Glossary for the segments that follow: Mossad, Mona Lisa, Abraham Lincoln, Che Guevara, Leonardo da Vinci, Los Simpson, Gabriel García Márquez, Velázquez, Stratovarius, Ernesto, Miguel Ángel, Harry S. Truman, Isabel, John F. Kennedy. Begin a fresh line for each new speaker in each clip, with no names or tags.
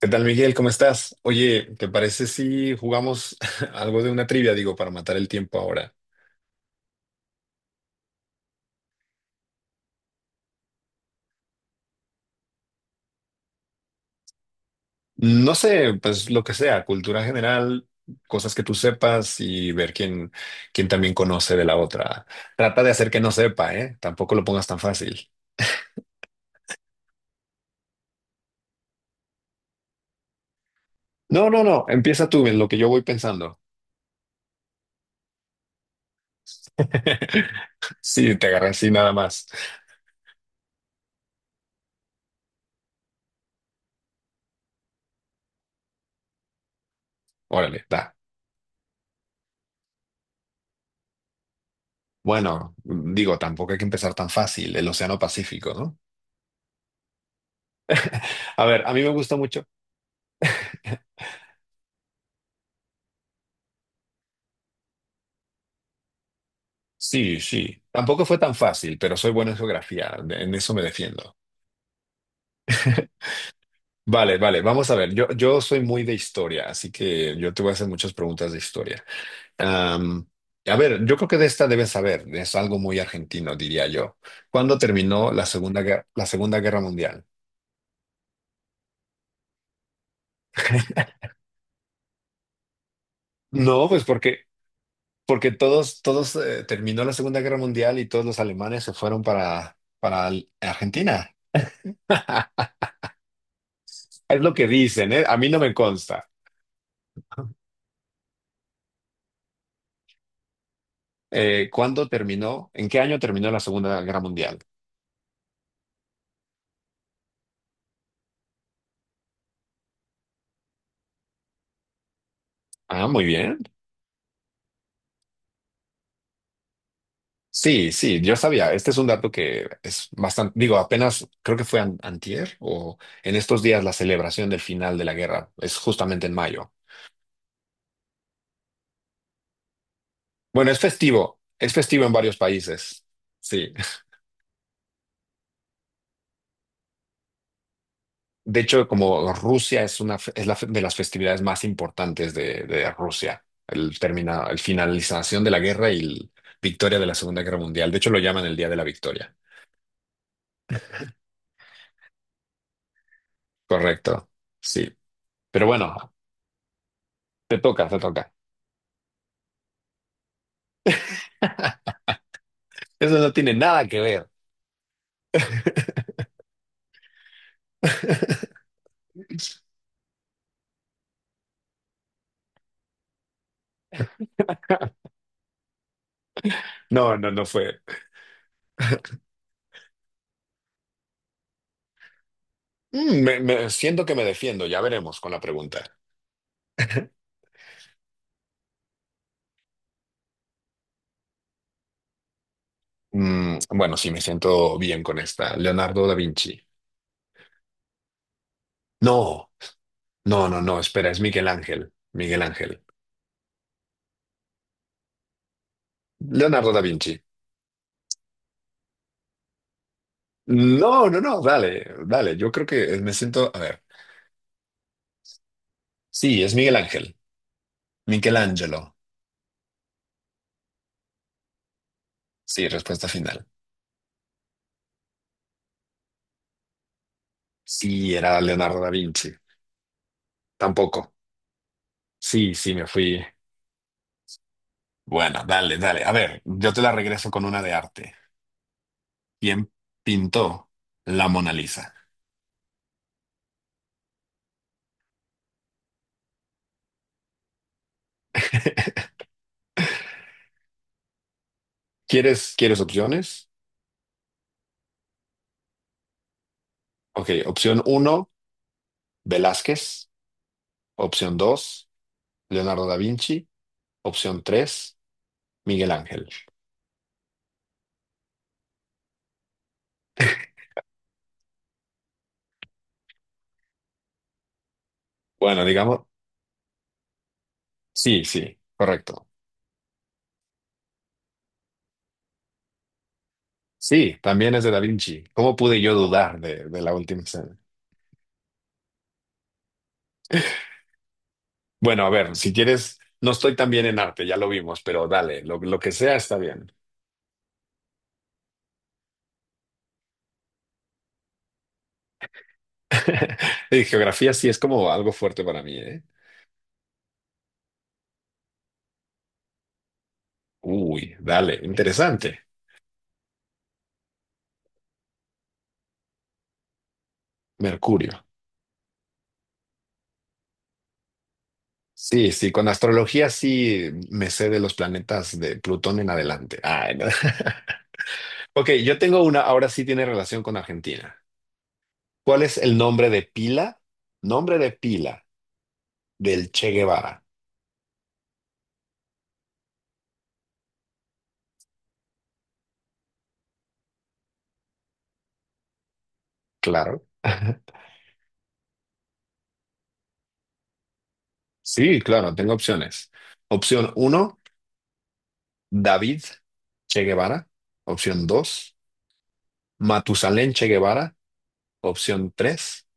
¿Qué tal, Miguel? ¿Cómo estás? Oye, ¿te parece si jugamos algo de una trivia, digo, para matar el tiempo ahora? No sé, pues lo que sea, cultura general, cosas que tú sepas y ver quién también conoce de la otra. Trata de hacer que no sepa, ¿eh? Tampoco lo pongas tan fácil. No, no, no, empieza tú en lo que yo voy pensando. Sí, te agarré así nada más. Órale, da. Bueno, digo, tampoco hay que empezar tan fácil, el Océano Pacífico, ¿no? A ver, a mí me gusta mucho. Sí, sí. Tampoco fue tan fácil, pero soy bueno en geografía, en eso me defiendo. Vale, vale, vamos a ver. Yo soy muy de historia, así que yo te voy a hacer muchas preguntas de historia. Am, a ver, yo creo que de esta debes saber, es algo muy argentino, diría yo. ¿Cuándo terminó la Segunda Guerra Mundial? No, pues porque, porque todos, todos terminó la Segunda Guerra Mundial y todos los alemanes se fueron para Argentina. Es lo que dicen, ¿eh? A mí no me consta. ¿Cuándo terminó? ¿En qué año terminó la Segunda Guerra Mundial? Ah, muy bien. Sí, sí, yo sabía. Este es un dato que es bastante, digo, apenas creo que fue antier o en estos días la celebración del final de la guerra es justamente en mayo. Bueno, es festivo en varios países. Sí. De hecho, como Rusia es una es de las festividades más importantes de Rusia, el termina, el finalización de la guerra y la victoria de la Segunda Guerra Mundial. De hecho, lo llaman el Día de la Victoria. Correcto. Sí. Pero bueno, te toca. Eso no tiene nada que ver. No, no, no fue. Mm, siento que me defiendo, ya veremos con la pregunta. Mm, bueno, sí, me siento bien con esta. Leonardo da Vinci. No, no, no, no, espera, es Miguel Ángel. Miguel Ángel. Leonardo da Vinci. No, no, no, dale, dale. Yo creo que me siento, a ver. Sí, es Miguel Ángel. Michelangelo. Sí, respuesta final. Sí, era Leonardo da Vinci. Tampoco. Sí, sí, me fui. Bueno, dale, dale. A ver, yo te la regreso con una de arte. ¿Quién pintó la Mona Lisa? ¿Quieres opciones? Ok, opción uno, Velázquez. Opción 2, Leonardo da Vinci. Opción 3, Miguel Ángel. Bueno, digamos, sí, sí, correcto. Sí, también es de Da Vinci. ¿Cómo pude yo dudar de la última escena? Bueno, a ver, si quieres, no estoy tan bien en arte, ya lo vimos, pero dale, lo que sea está bien. Y geografía sí es como algo fuerte para mí, ¿eh? Uy, dale, interesante. Mercurio. Sí, sí, con astrología sí me sé de los planetas de Plutón en adelante. Ah, no. Ok, yo tengo una, ahora sí tiene relación con Argentina. ¿Cuál es el nombre de pila? Nombre de pila del Che Guevara. Claro. Sí, claro, tengo opciones. Opción uno, David Che Guevara. Opción 2, Matusalén Che Guevara. Opción 3.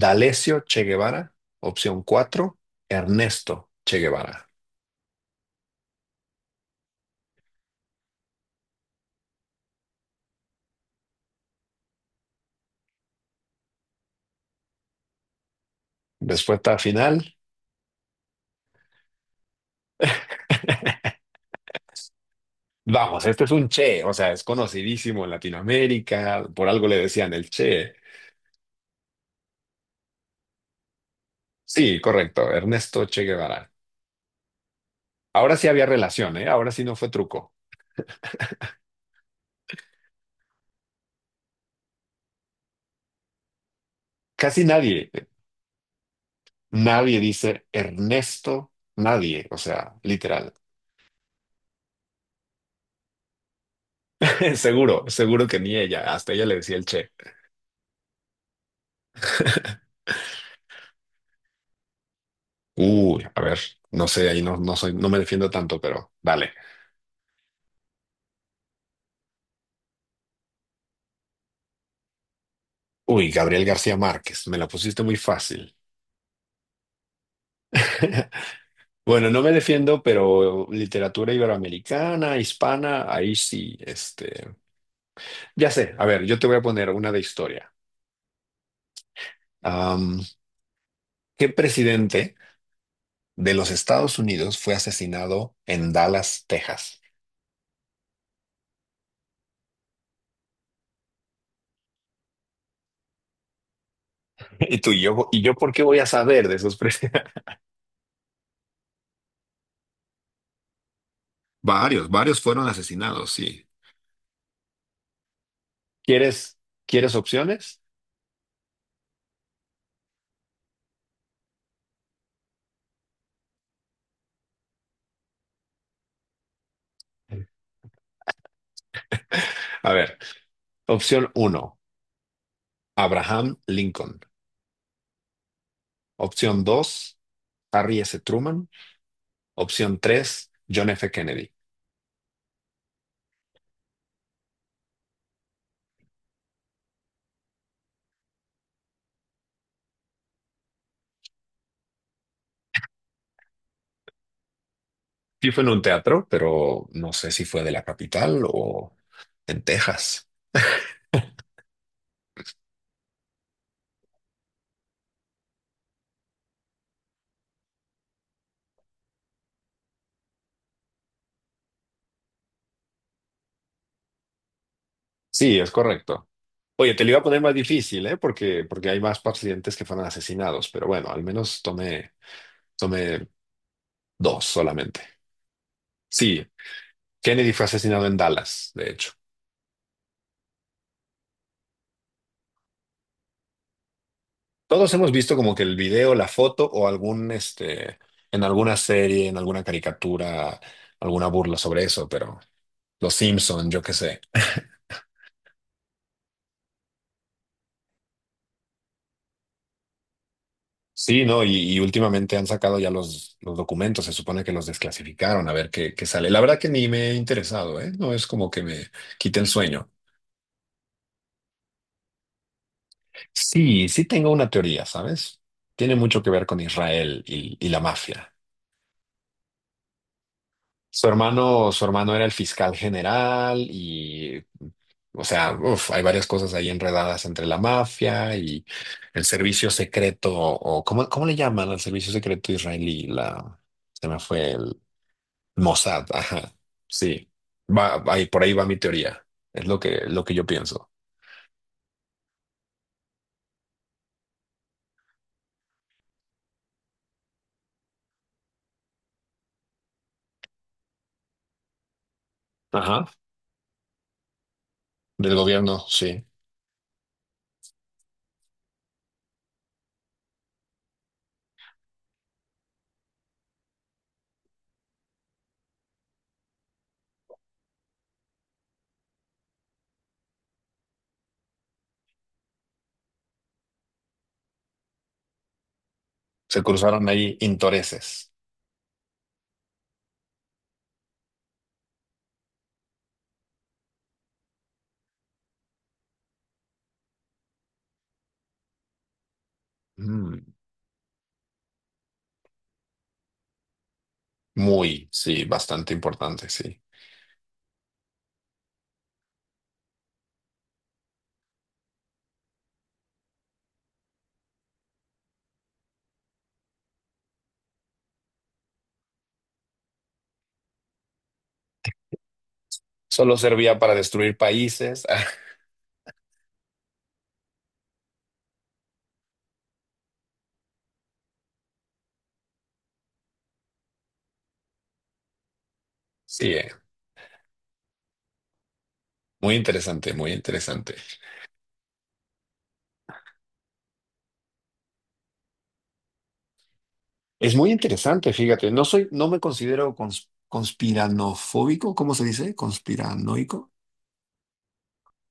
D'Alessio Che Guevara, opción 4. Ernesto Che Guevara. Respuesta final. Vamos, este es un Che, o sea, es conocidísimo en Latinoamérica, por algo le decían el Che. Sí, correcto, Ernesto Che Guevara. Ahora sí había relación, ¿eh? Ahora sí no fue truco. Casi nadie, nadie dice Ernesto, nadie, o sea, literal. Seguro, seguro que ni ella, hasta ella le decía el Che. Uy, a ver, no sé, ahí no, no soy, no me defiendo tanto, pero dale. Uy, Gabriel García Márquez, me la pusiste muy fácil. Bueno, no me defiendo, pero literatura iberoamericana, hispana, ahí sí, este, ya sé, a ver, yo te voy a poner una de historia. Am, ¿Qué presidente de los Estados Unidos fue asesinado en Dallas, Texas? Y tú ¿y yo por qué voy a saber de esos presidentes? Varios, varios fueron asesinados, sí. ¿Quieres, quieres opciones? A ver, opción uno, Abraham Lincoln. Opción 2 Harry S. Truman. Opción 3 John F. Kennedy. Sí fue en un teatro, pero no sé si fue de la capital o en Texas. Sí, es correcto. Oye, te lo iba a poner más difícil, ¿eh? Porque, porque hay más pacientes que fueron asesinados, pero bueno, al menos tomé dos solamente. Sí, Kennedy fue asesinado en Dallas, de hecho. Todos hemos visto como que el video, la foto o algún, este, en alguna serie, en alguna caricatura, alguna burla sobre eso, pero Los Simpson, yo qué sé. Sí, ¿no? Y últimamente han sacado ya los documentos, se supone que los desclasificaron, a ver qué, qué sale. La verdad que ni me he interesado, ¿eh? No es como que me quite el sueño. Sí, sí tengo una teoría, ¿sabes? Tiene mucho que ver con Israel y la mafia. Su hermano era el fiscal general y, o sea, uf, hay varias cosas ahí enredadas entre la mafia y el servicio secreto, o ¿cómo le llaman al servicio secreto israelí? La, se me fue Mossad, ajá, sí. Va, ahí, por ahí va mi teoría. Es lo que yo pienso. Ajá. Del gobierno, sí. Se cruzaron ahí intereses. Mm, muy, sí, bastante importante, sí. Solo servía para destruir países. Sí, muy interesante, muy interesante. Es muy interesante, fíjate. No soy, no me considero conspiranofóbico, ¿cómo se dice? Conspiranoico.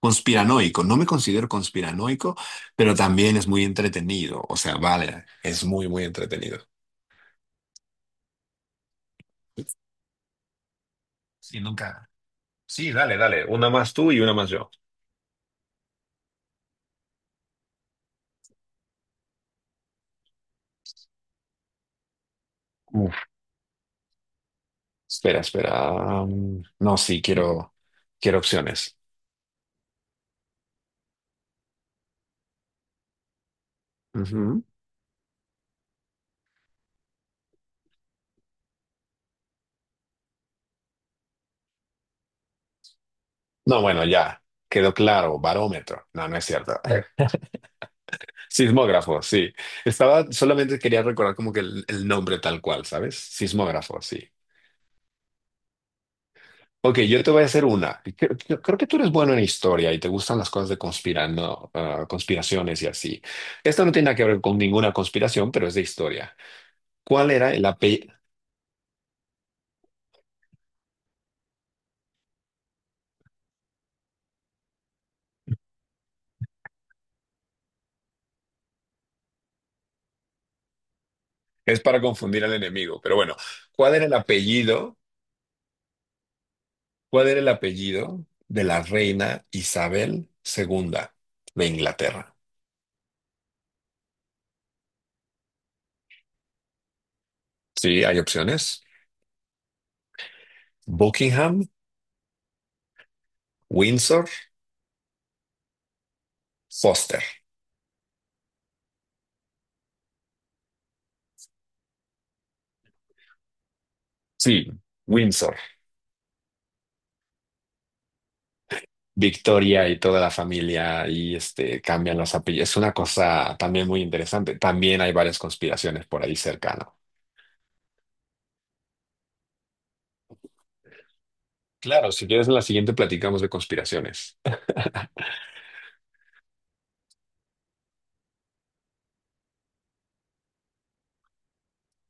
Conspiranoico, no me considero conspiranoico, pero también es muy entretenido. O sea, vale, es muy, muy entretenido. Sí, nunca. Sí, dale, dale. Una más tú y una más yo. Uf, espera, espera. No, sí, quiero, quiero opciones. Ujú. No, bueno, ya. Quedó claro, barómetro. No, no es cierto. Sismógrafo, sí. Estaba, solamente quería recordar como que el nombre tal cual, ¿sabes? Sismógrafo, sí. Ok, yo te voy a hacer una. Creo que tú eres bueno en historia y te gustan las cosas de conspirando, ah, conspiraciones y así. Esto no tiene nada que ver con ninguna conspiración, pero es de historia. ¿Cuál era el apellido? Es para confundir al enemigo, pero bueno, ¿cuál era el apellido? ¿Cuál era el apellido de la reina Isabel II de Inglaterra? Sí, hay opciones. Buckingham, Windsor, Foster. Sí, Windsor. Victoria y toda la familia y este cambian los apellidos. Es una cosa también muy interesante. También hay varias conspiraciones por ahí cercano. Claro, si quieres en la siguiente platicamos de conspiraciones.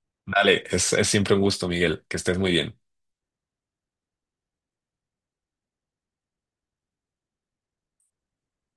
Dale, es siempre un gusto, Miguel, que estés muy bien.